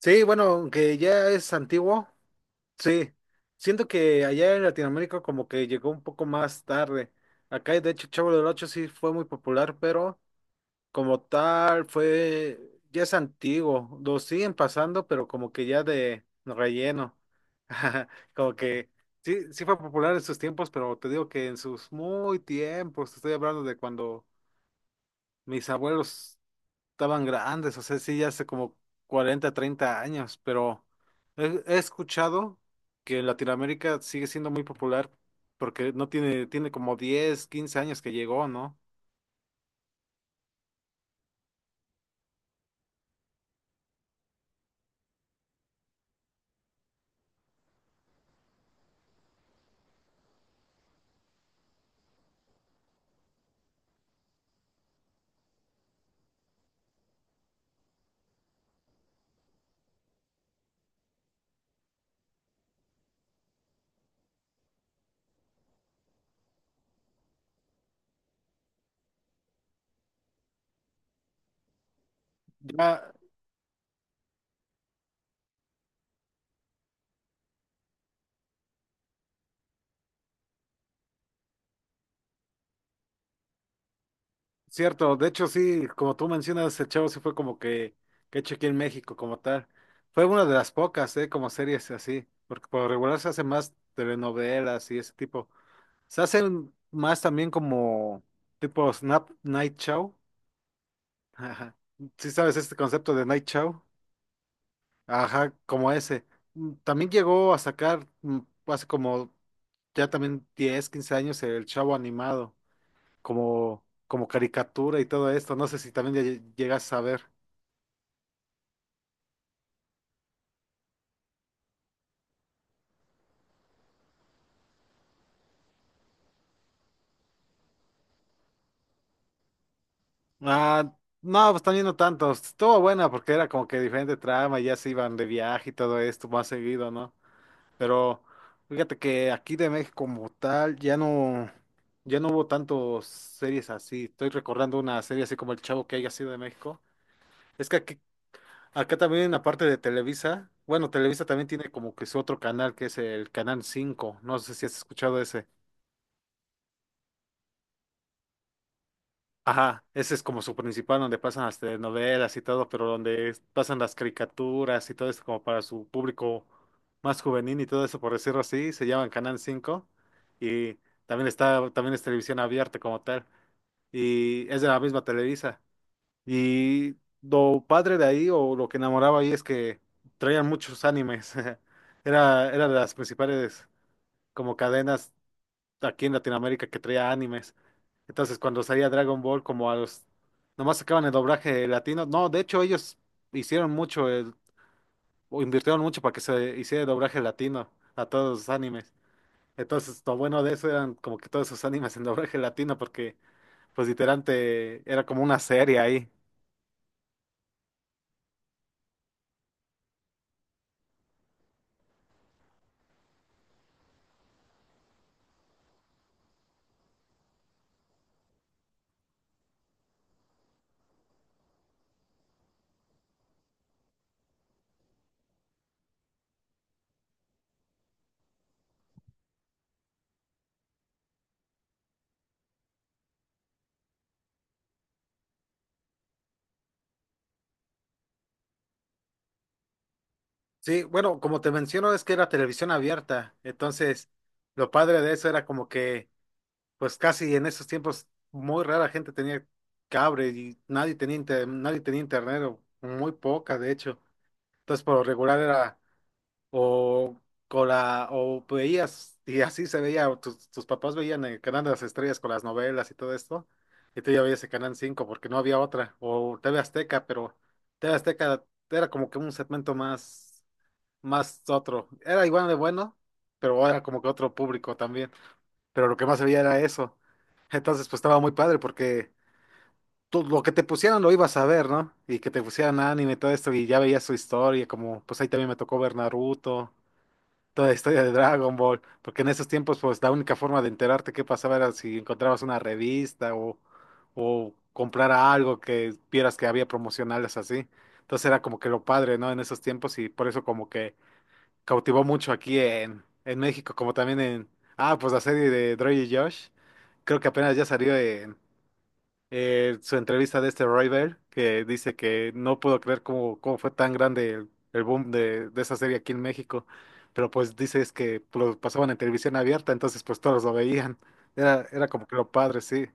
Sí, bueno, aunque ya es antiguo, sí. Siento que allá en Latinoamérica como que llegó un poco más tarde. Acá, de hecho, Chavo del Ocho sí fue muy popular, pero como tal fue, ya es antiguo. Lo siguen pasando, pero como que ya de relleno. Como que sí, sí fue popular en sus tiempos, pero te digo que en sus muy tiempos, te estoy hablando de cuando mis abuelos estaban grandes, o sea, sí, ya hace como 40 30 años, pero he escuchado que en Latinoamérica sigue siendo muy popular porque no tiene, tiene como 10 15 años que llegó, ¿no? Ya, cierto, de hecho sí, como tú mencionas, el Chavo sí fue como que hecho aquí en México como tal. Fue una de las pocas, ¿eh? Como series así, porque por lo regular se hacen más telenovelas y ese tipo. Se hacen más también como tipo Snap Night Show. Ajá. Sí sabes este concepto de Night Show. Ajá, como ese. También llegó a sacar hace como ya también 10, 15 años el Chavo animado, como, como caricatura y todo esto. No sé si también ya llegas a ver. Ah, no, pues también no tanto. Estuvo buena porque era como que diferente trama, ya se iban de viaje y todo esto más seguido, ¿no? Pero fíjate que aquí de México como tal ya no, ya no hubo tantos series así. Estoy recordando una serie así como El Chavo que haya sido de México. Es que aquí, acá también aparte de Televisa, bueno, Televisa también tiene como que su otro canal que es el Canal cinco. No sé si has escuchado ese. Ajá, ese es como su principal donde pasan las telenovelas y todo, pero donde pasan las caricaturas y todo eso como para su público más juvenil y todo eso, por decirlo así, se llaman Canal Cinco y también está, también es televisión abierta como tal y es de la misma Televisa. Y lo padre de ahí o lo que enamoraba ahí es que traían muchos animes. Era de las principales como cadenas aquí en Latinoamérica que traía animes. Entonces, cuando salía Dragon Ball, nomás sacaban el doblaje latino. No, de hecho, ellos hicieron mucho, o invirtieron mucho para que se hiciera el doblaje latino a todos los animes. Entonces, lo bueno de eso eran como que todos sus animes en doblaje latino, porque, pues, literalmente era como una serie ahí. Sí, bueno, como te menciono, es que era televisión abierta. Entonces, lo padre de eso era como que pues casi en esos tiempos muy rara gente tenía cable y nadie tenía nadie tenía internet o muy poca de hecho. Entonces por lo regular era o con la o veías y así se veía, o tus papás veían el canal de las estrellas con las novelas y todo esto, y tú ya veías el canal cinco porque no había otra, o TV Azteca, pero TV Azteca era como que un segmento más, más otro, era igual de bueno, pero era como que otro público también, pero lo que más veía era eso. Entonces, pues estaba muy padre porque tú lo que te pusieran lo ibas a ver, ¿no? Y que te pusieran anime y todo esto y ya veías su historia, como pues ahí también me tocó ver Naruto, toda la historia de Dragon Ball, porque en esos tiempos pues la única forma de enterarte qué pasaba era si encontrabas una revista o comprar algo que vieras que había promocionales así. Entonces era como que lo padre, ¿no? En esos tiempos y por eso como que cautivó mucho aquí en México, como también en, pues la serie de Dre y Josh. Creo que apenas ya salió en su entrevista de este Roy Bell, que dice que no pudo creer cómo fue tan grande el boom de esa serie aquí en México. Pero pues dice es que lo pasaban en televisión abierta, entonces pues todos lo veían. Era, era como que lo padre, sí.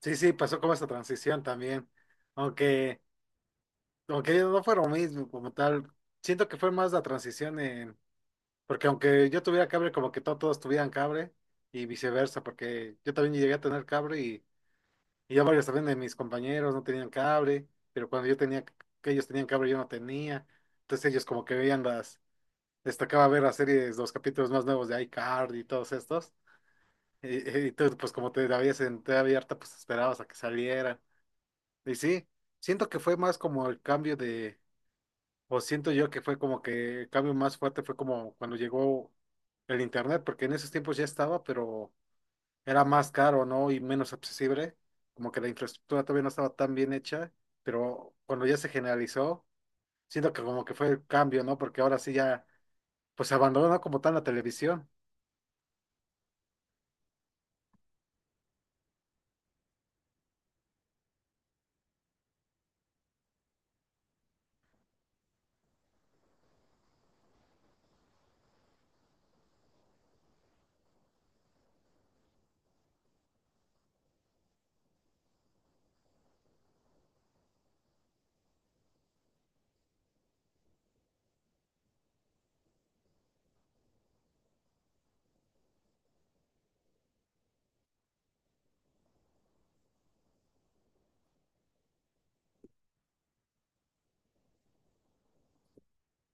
Sí, sí, pasó como esa transición también. Aunque, aunque no fue lo mismo como tal. Siento que fue más la transición, porque aunque yo tuviera cable, como que todos tuvieran cable y viceversa, porque yo también llegué a tener cable y ya varios también de mis compañeros no tenían cable, pero cuando yo tenía, que ellos tenían cable, yo no tenía. Entonces ellos como que veían las, les tocaba ver las series, los capítulos más nuevos de iCarly y todos estos. Y tú, pues como te la veías en TV abierta, pues esperabas a que salieran. Y sí, siento que fue más como el cambio de, o siento yo que fue como que el cambio más fuerte fue como cuando llegó el internet, porque en esos tiempos ya estaba, pero era más caro, ¿no? Y menos accesible, como que la infraestructura todavía no estaba tan bien hecha, pero cuando ya se generalizó, siento que como que fue el cambio, ¿no? Porque ahora sí ya, pues se abandonó como tal la televisión.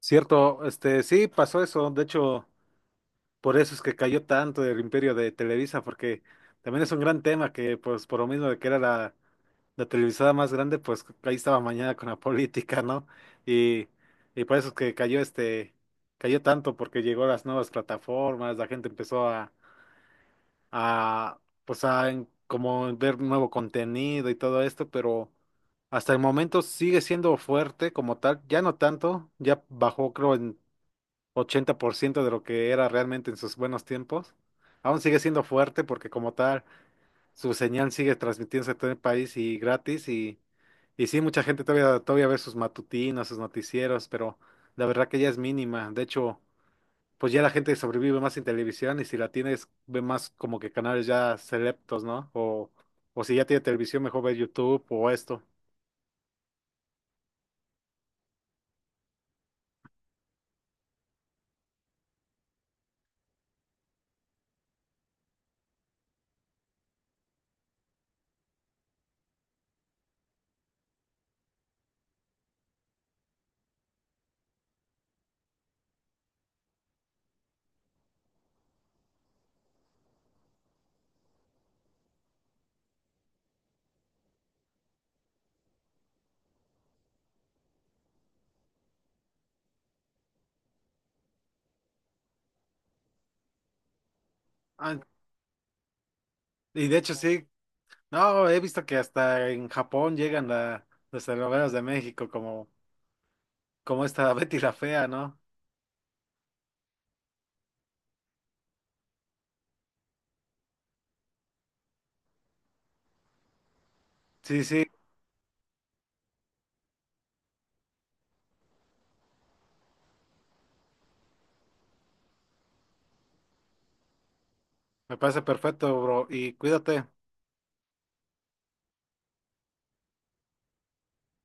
Cierto, este, sí pasó eso, de hecho, por eso es que cayó tanto el imperio de Televisa, porque también es un gran tema que, pues, por lo mismo de que era la televisada más grande, pues ahí estaba mañana con la política, ¿no? Y, y por eso es que cayó este, cayó tanto, porque llegó las nuevas plataformas, la gente empezó a pues a como ver nuevo contenido y todo esto, pero hasta el momento sigue siendo fuerte como tal, ya no tanto, ya bajó creo en 80% de lo que era realmente en sus buenos tiempos. Aún sigue siendo fuerte porque como tal su señal sigue transmitiéndose a todo el país y gratis y sí, mucha gente todavía ve sus matutinos, sus noticieros, pero la verdad que ya es mínima. De hecho, pues ya la gente sobrevive más en televisión y si la tienes, ve más como que canales ya selectos, ¿no? O si ya tiene televisión, mejor ve YouTube o esto. Ah, y de hecho sí, no, he visto que hasta en Japón llegan las telenovelas de México como, como esta Betty la Fea, ¿no? Sí, sí, me parece perfecto, bro, y cuídate.